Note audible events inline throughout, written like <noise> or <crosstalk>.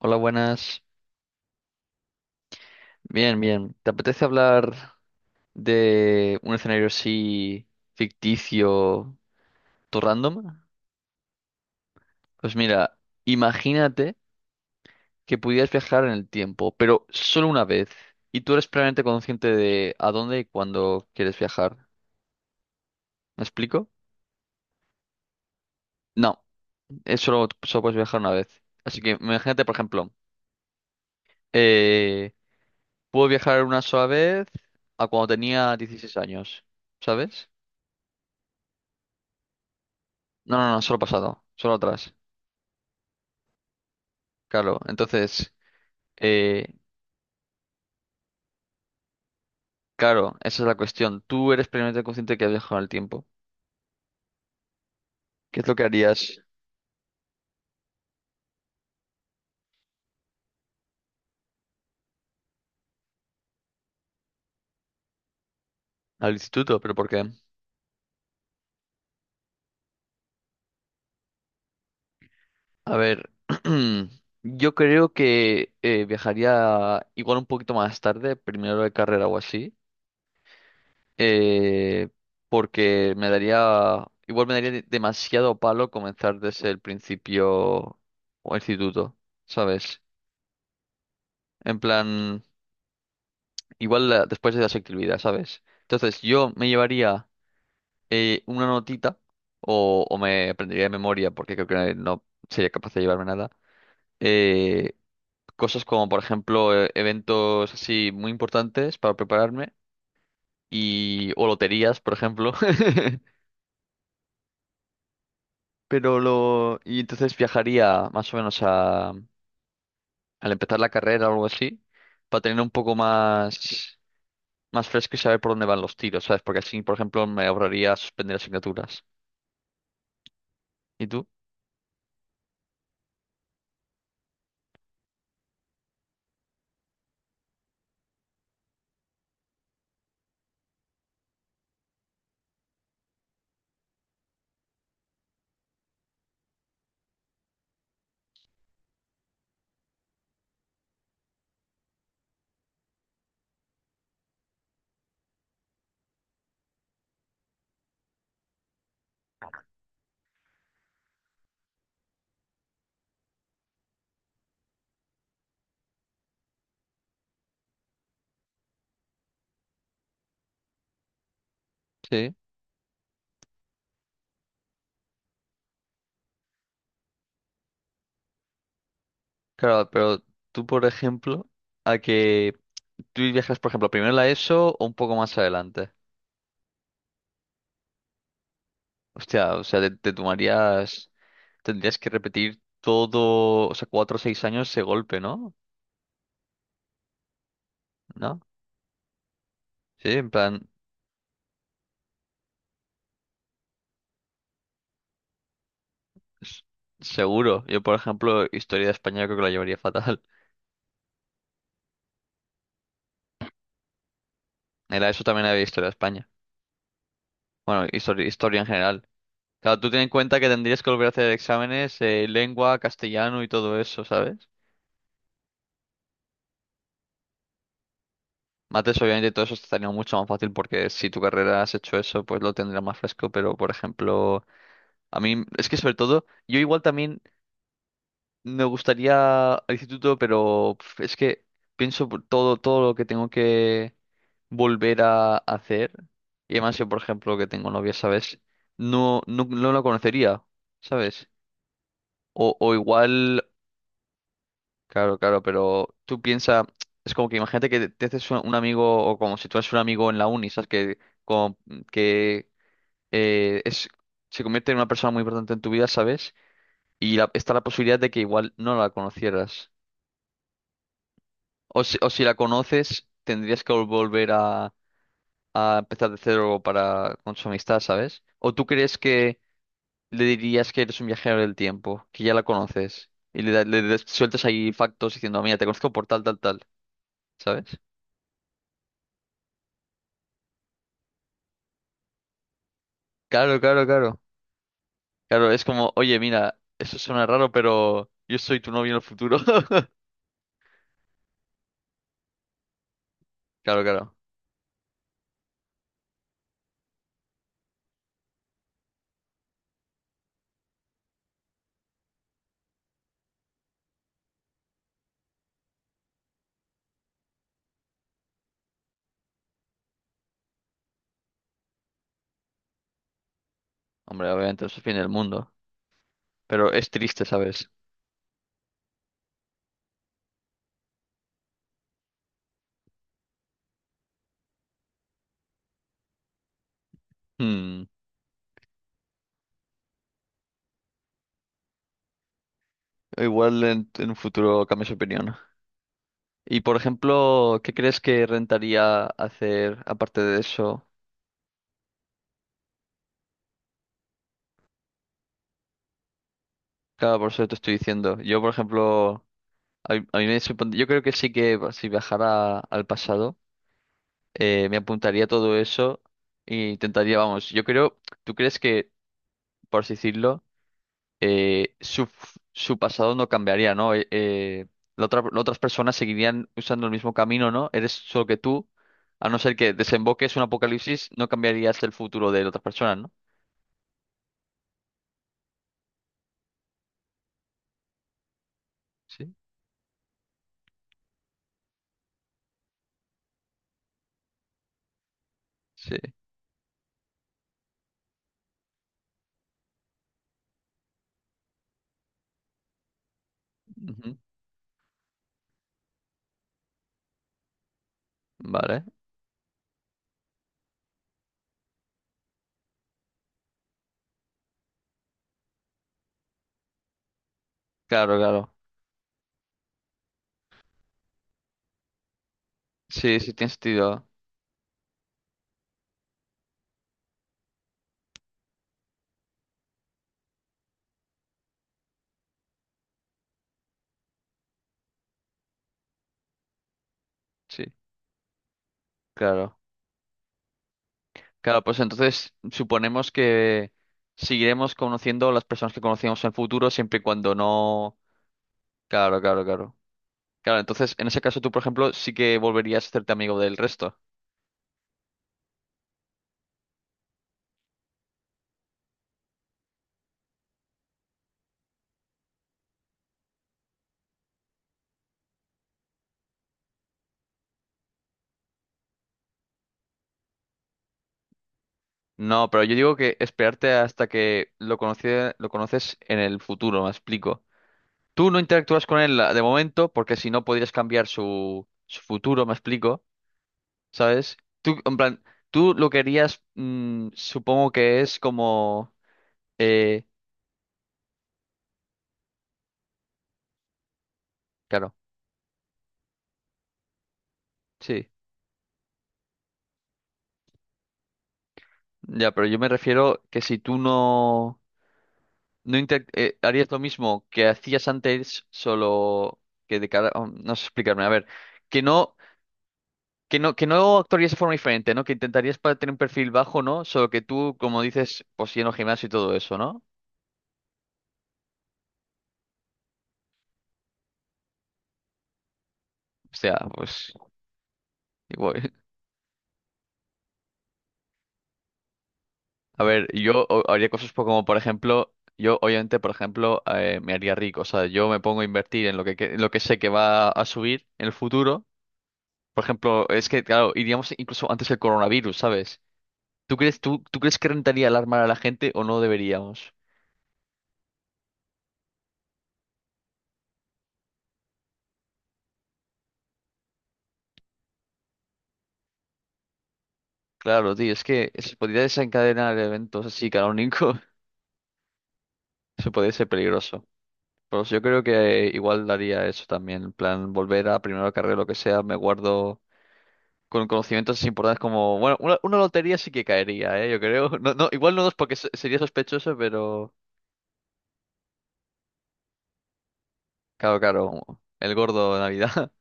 Hola, buenas. Bien, bien. ¿Te apetece hablar de un escenario así ficticio, todo random? Pues mira, imagínate que pudieras viajar en el tiempo, pero solo una vez, y tú eres plenamente consciente de a dónde y cuándo quieres viajar. ¿Me explico? No, es solo puedes viajar una vez. Así que imagínate, por ejemplo, eh, puedo viajar una sola vez a cuando tenía 16 años, ¿sabes? No, no, no, solo pasado, solo atrás. Claro, entonces, eh, claro, esa es la cuestión. Tú eres plenamente consciente que has viajado en el tiempo. ¿Qué es lo que harías al instituto? ¿Pero por qué? A ver, <clears throat> yo creo que viajaría igual un poquito más tarde, primero de carrera o así, eh, porque me daría, igual me daría demasiado palo comenzar desde el principio o instituto, ¿sabes? En plan, después de las actividades, ¿sabes? Entonces, yo me llevaría una notita o me aprendería de memoria porque creo que no sería capaz de llevarme nada. eh, cosas como, por ejemplo, eventos así muy importantes para prepararme y o loterías, por ejemplo. <laughs> Pero lo y entonces viajaría más o menos a al empezar la carrera o algo así para tener un poco más más fresco y saber por dónde van los tiros, ¿sabes? Porque así, por ejemplo, me ahorraría suspender asignaturas. ¿Y tú? Sí. Claro, pero tú, por ejemplo, a que tú viajas, por ejemplo, primero a la ESO o un poco más adelante. Hostia, o sea, te tomarías, tendrías que repetir todo, o sea, cuatro o seis años ese golpe, ¿no? ¿No? Sí, en plan, s- seguro. Yo, por ejemplo, historia de España creo que la llevaría fatal. <laughs> En la ESO también había historia de España. Bueno, historia, historia en general. Claro, tú ten en cuenta que tendrías que volver a hacer exámenes, lengua, castellano y todo eso, ¿sabes? Mates, obviamente todo eso estaría mucho más fácil porque si tu carrera has hecho eso, pues lo tendrás más fresco, pero por ejemplo, a mí es que sobre todo, yo igual también me gustaría al instituto, pero pf, es que pienso por todo, todo lo que tengo que volver a hacer, y además yo por ejemplo que tengo novia, ¿sabes? No, no, no la conocería, ¿sabes? O igual, claro, claro, pero tú piensas, es como que imagínate que te haces un amigo o como si tú eres un amigo en la uni, ¿sabes? Que, como, que es, se convierte en una persona muy importante en tu vida, ¿sabes? Y está la posibilidad de que igual no la conocieras. O si la conoces, tendrías que volver a empezar de cero para, con su amistad, ¿sabes? ¿O tú crees que le dirías que eres un viajero del tiempo, que ya la conoces? Y le, le sueltas ahí factos diciendo, mira, te conozco por tal, tal, tal, ¿sabes? Claro, claro, claro. Claro, es como, oye, mira, eso suena raro, pero yo soy tu novio en el futuro. <laughs> Claro, claro. Hombre, obviamente es el fin del mundo. Pero es triste, ¿sabes? Hmm. Igual en un futuro cambies de opinión. Y por ejemplo, ¿qué crees que rentaría hacer aparte de eso? Claro, por eso te estoy diciendo. Yo, por ejemplo, a mí me yo creo que sí que si viajara al pasado, me apuntaría todo eso e intentaría, vamos, yo creo, ¿tú crees que, por así decirlo, su, su pasado no cambiaría, ¿no? La las otras personas seguirían usando el mismo camino, ¿no? Eres solo que tú, a no ser que desemboques un apocalipsis, no cambiarías el futuro de las otras personas, ¿no? Sí, sí. Ujú. Vale. Claro, claro. Sí, sí, tiene sentido. Sí, claro. Claro, pues entonces suponemos que seguiremos conociendo las personas que conocíamos en el futuro siempre y cuando no... Claro, claro, claro. Claro, entonces en ese caso tú, por ejemplo, sí que volverías a hacerte amigo del resto. No, pero yo digo que esperarte hasta que lo lo conoces en el futuro, me explico. Tú no interactúas con él de momento porque si no podrías cambiar su, su futuro, me explico, ¿sabes? Tú, en plan, tú lo querías, mm, supongo que es como... eh, claro, sí. Ya, pero yo me refiero que si tú no, no harías lo mismo que hacías antes, solo que de cara... oh, no sé explicarme, a ver. Que no que no actuarías de forma diferente, ¿no? Que intentarías para tener un perfil bajo, ¿no? Solo que tú, como dices, pues lleno gimnasio y todo eso, ¿no? O sea, pues igual. <laughs> A ver, yo haría cosas como, por ejemplo, yo obviamente, por ejemplo, me haría rico. O sea, yo me pongo a invertir en lo en lo que sé que va a subir en el futuro. Por ejemplo, es que, claro, iríamos incluso antes del coronavirus, ¿sabes? Tú crees que rentaría alarmar a la gente o no deberíamos? Claro, tío, es que se podría desencadenar eventos así canónicos. <laughs> Eso podría ser peligroso. Pues yo creo que igual daría eso también, en plan, volver a primero de carrera, lo que sea, me guardo con conocimientos importantes como, bueno, una lotería sí que caería, ¿eh? Yo creo, <laughs> no, no, igual no dos porque sería sospechoso, pero claro, claro, el gordo de Navidad,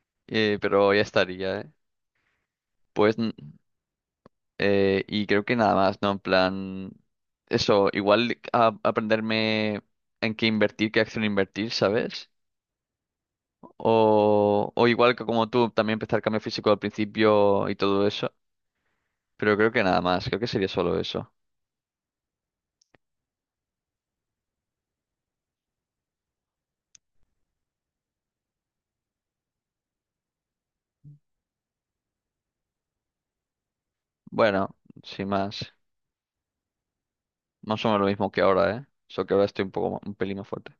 <laughs> Pero ya estaría, ¿eh? Pues, y creo que nada más, ¿no? En plan, eso, igual aprenderme en qué invertir, qué acción invertir, ¿sabes? O igual que como tú, también empezar cambio físico al principio y todo eso. Pero creo que nada más, creo que sería solo eso. Bueno, sin más, más o menos lo mismo que ahora, ¿eh? Solo que ahora estoy un poco, un pelín más fuerte.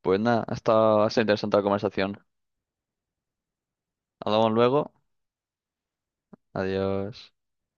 Pues nada, ha estado, ha sido interesante la conversación. Hablamos luego. Adiós.